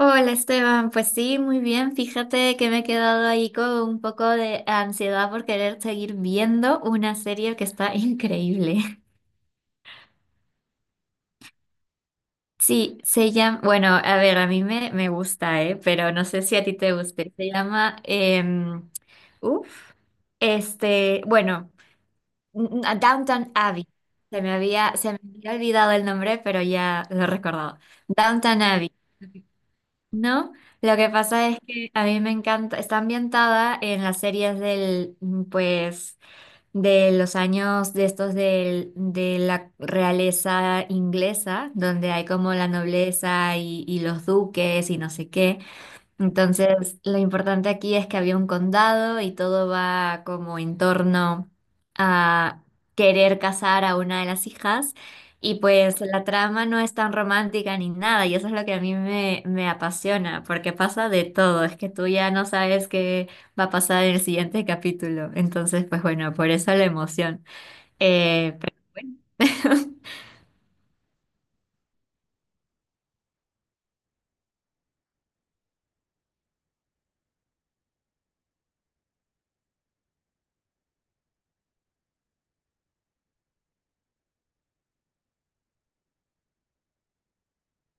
Hola Esteban, pues sí, muy bien. Fíjate que me he quedado ahí con un poco de ansiedad por querer seguir viendo una serie que está increíble. Sí, se llama, bueno, a ver, a mí me gusta, ¿eh? Pero no sé si a ti te guste. Se llama, uf, bueno, a Downton Abbey. Se me había olvidado el nombre, pero ya lo he recordado. Downton Abbey. ¿No? Lo que pasa es que a mí me encanta, está ambientada en las series del de los años de estos de la realeza inglesa, donde hay como la nobleza y los duques y no sé qué. Entonces, lo importante aquí es que había un condado y todo va como en torno a querer casar a una de las hijas. Y pues la trama no es tan romántica ni nada, y eso es lo que a mí me apasiona, porque pasa de todo, es que tú ya no sabes qué va a pasar en el siguiente capítulo. Entonces, pues bueno, por eso la emoción. Eh,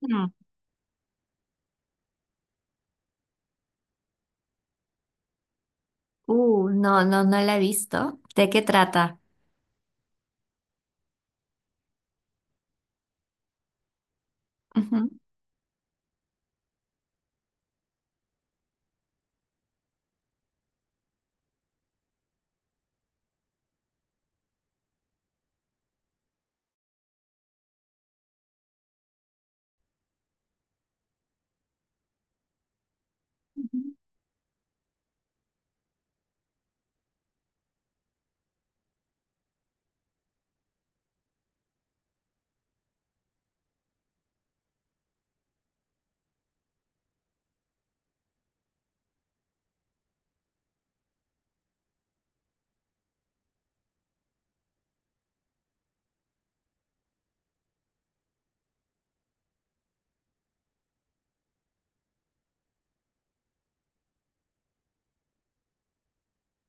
Mm. No, no, no la he visto. ¿De qué trata? Ujú.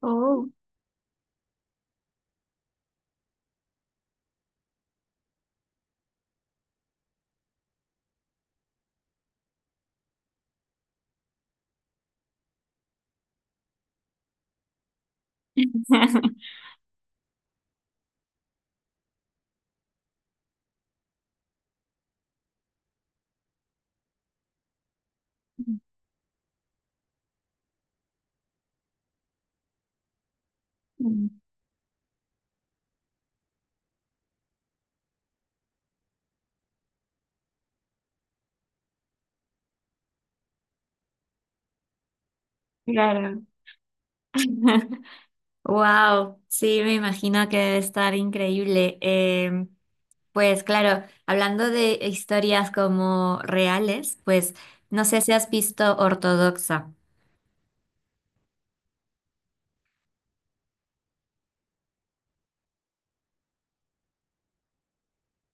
Oh. Mm. Claro. Wow, sí, me imagino que debe estar increíble. Pues claro, hablando de historias como reales, pues no sé si has visto Ortodoxa.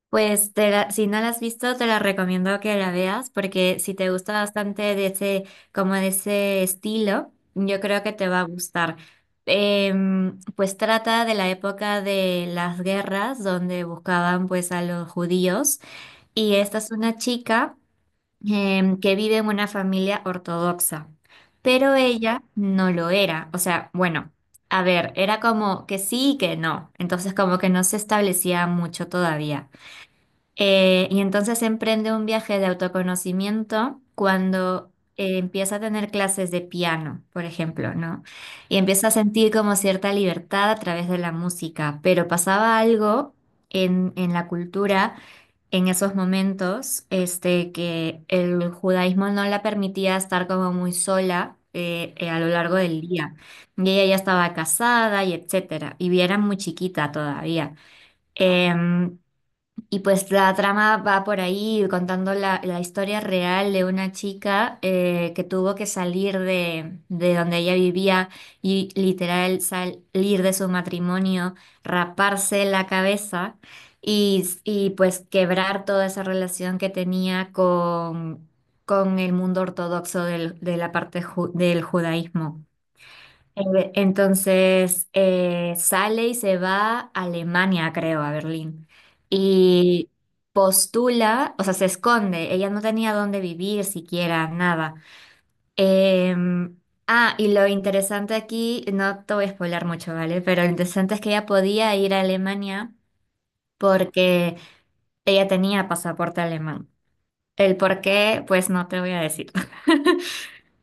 Pues si no la has visto, te la recomiendo que la veas porque si te gusta bastante de ese, como de ese estilo, yo creo que te va a gustar. Pues trata de la época de las guerras donde buscaban pues a los judíos. Y esta es una chica que vive en una familia ortodoxa, pero ella no lo era. O sea, bueno, a ver, era como que sí y que no. Entonces como que no se establecía mucho todavía. Y entonces emprende un viaje de autoconocimiento cuando empieza a tener clases de piano, por ejemplo, ¿no? Y empieza a sentir como cierta libertad a través de la música, pero pasaba algo en la cultura en esos momentos, este, que el judaísmo no la permitía estar como muy sola, a lo largo del día. Y ella ya estaba casada y etcétera, y era muy chiquita todavía. Em, y pues la trama va por ahí contando la historia real de una chica que tuvo que salir de donde ella vivía y literal salir de su matrimonio, raparse la cabeza y pues quebrar toda esa relación que tenía con el mundo ortodoxo de la parte del judaísmo. Entonces, sale y se va a Alemania, creo, a Berlín. Y postula, o sea, se esconde. Ella no tenía dónde vivir siquiera, nada. Em, y lo interesante aquí, no te voy a spoiler mucho, ¿vale? Pero lo interesante es que ella podía ir a Alemania porque ella tenía pasaporte alemán. El por qué, pues no te voy a decir.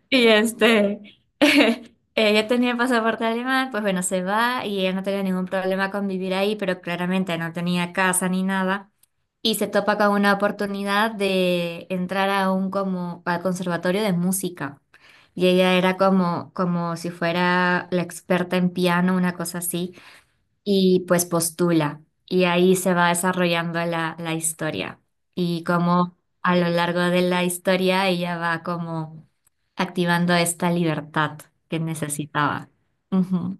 Y este, ella tenía pasaporte alemán, pues bueno, se va y ella no tenía ningún problema con vivir ahí, pero claramente no tenía casa ni nada. Y se topa con una oportunidad de entrar a un como al conservatorio de música. Y ella era como, como si fuera la experta en piano, una cosa así, y pues postula. Y ahí se va desarrollando la historia. Y como a lo largo de la historia ella va como activando esta libertad que necesitaba. Ujú.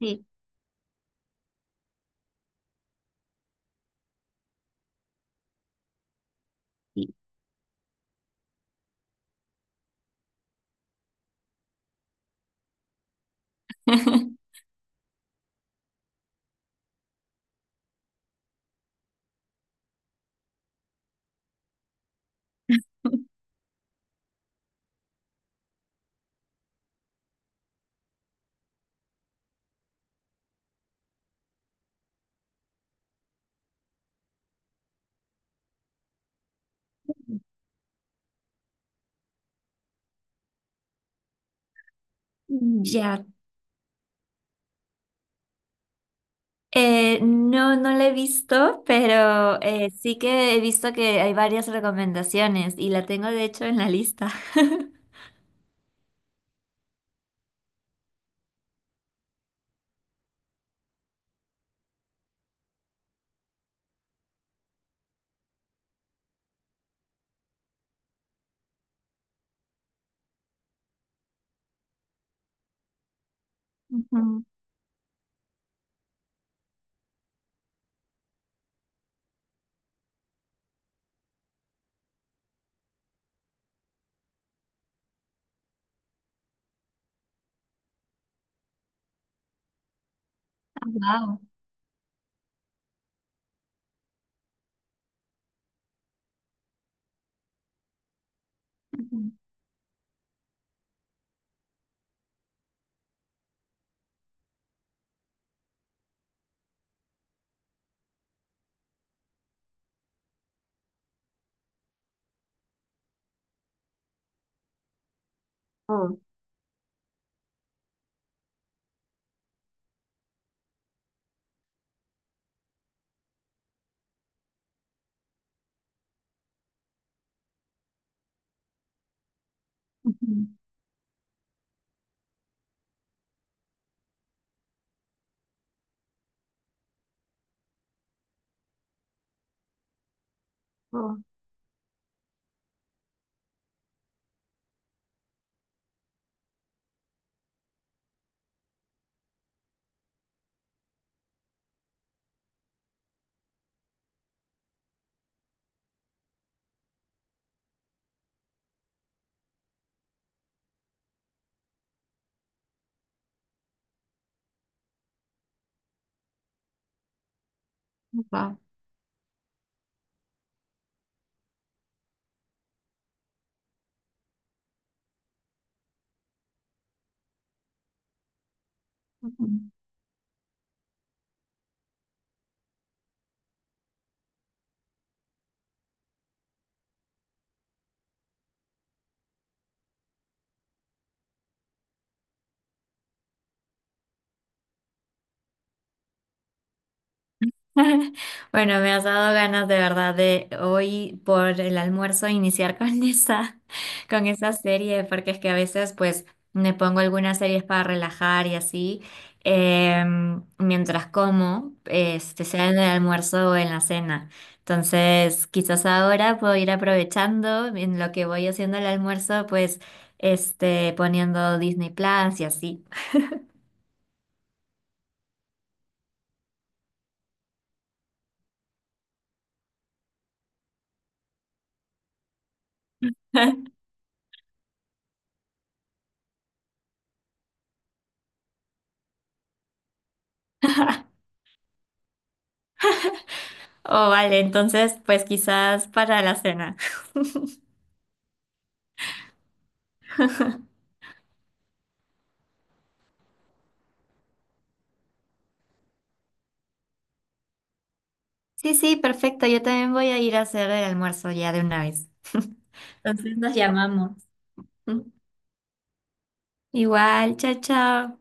Sí, sí. Ya. No, no la he visto, pero sí que he visto que hay varias recomendaciones y la tengo de hecho en la lista. Ujú. Ah, wow. Ujú. Oh, ujú. Oh, wow. Ujú. Bueno, me has dado ganas de verdad de hoy por el almuerzo iniciar con esa, con esa serie, porque es que a veces pues me pongo algunas series para relajar y así, mientras como, este, sea en el almuerzo o en la cena. Entonces, quizás ahora puedo ir aprovechando en lo que voy haciendo el almuerzo, pues este, poniendo Disney Plus y así. Oh, vale, entonces pues quizás para la cena. Sí, sí, perfecto. Yo también voy a ir a hacer el almuerzo ya de una vez. Entonces nos llamamos. Igual, chao, chao.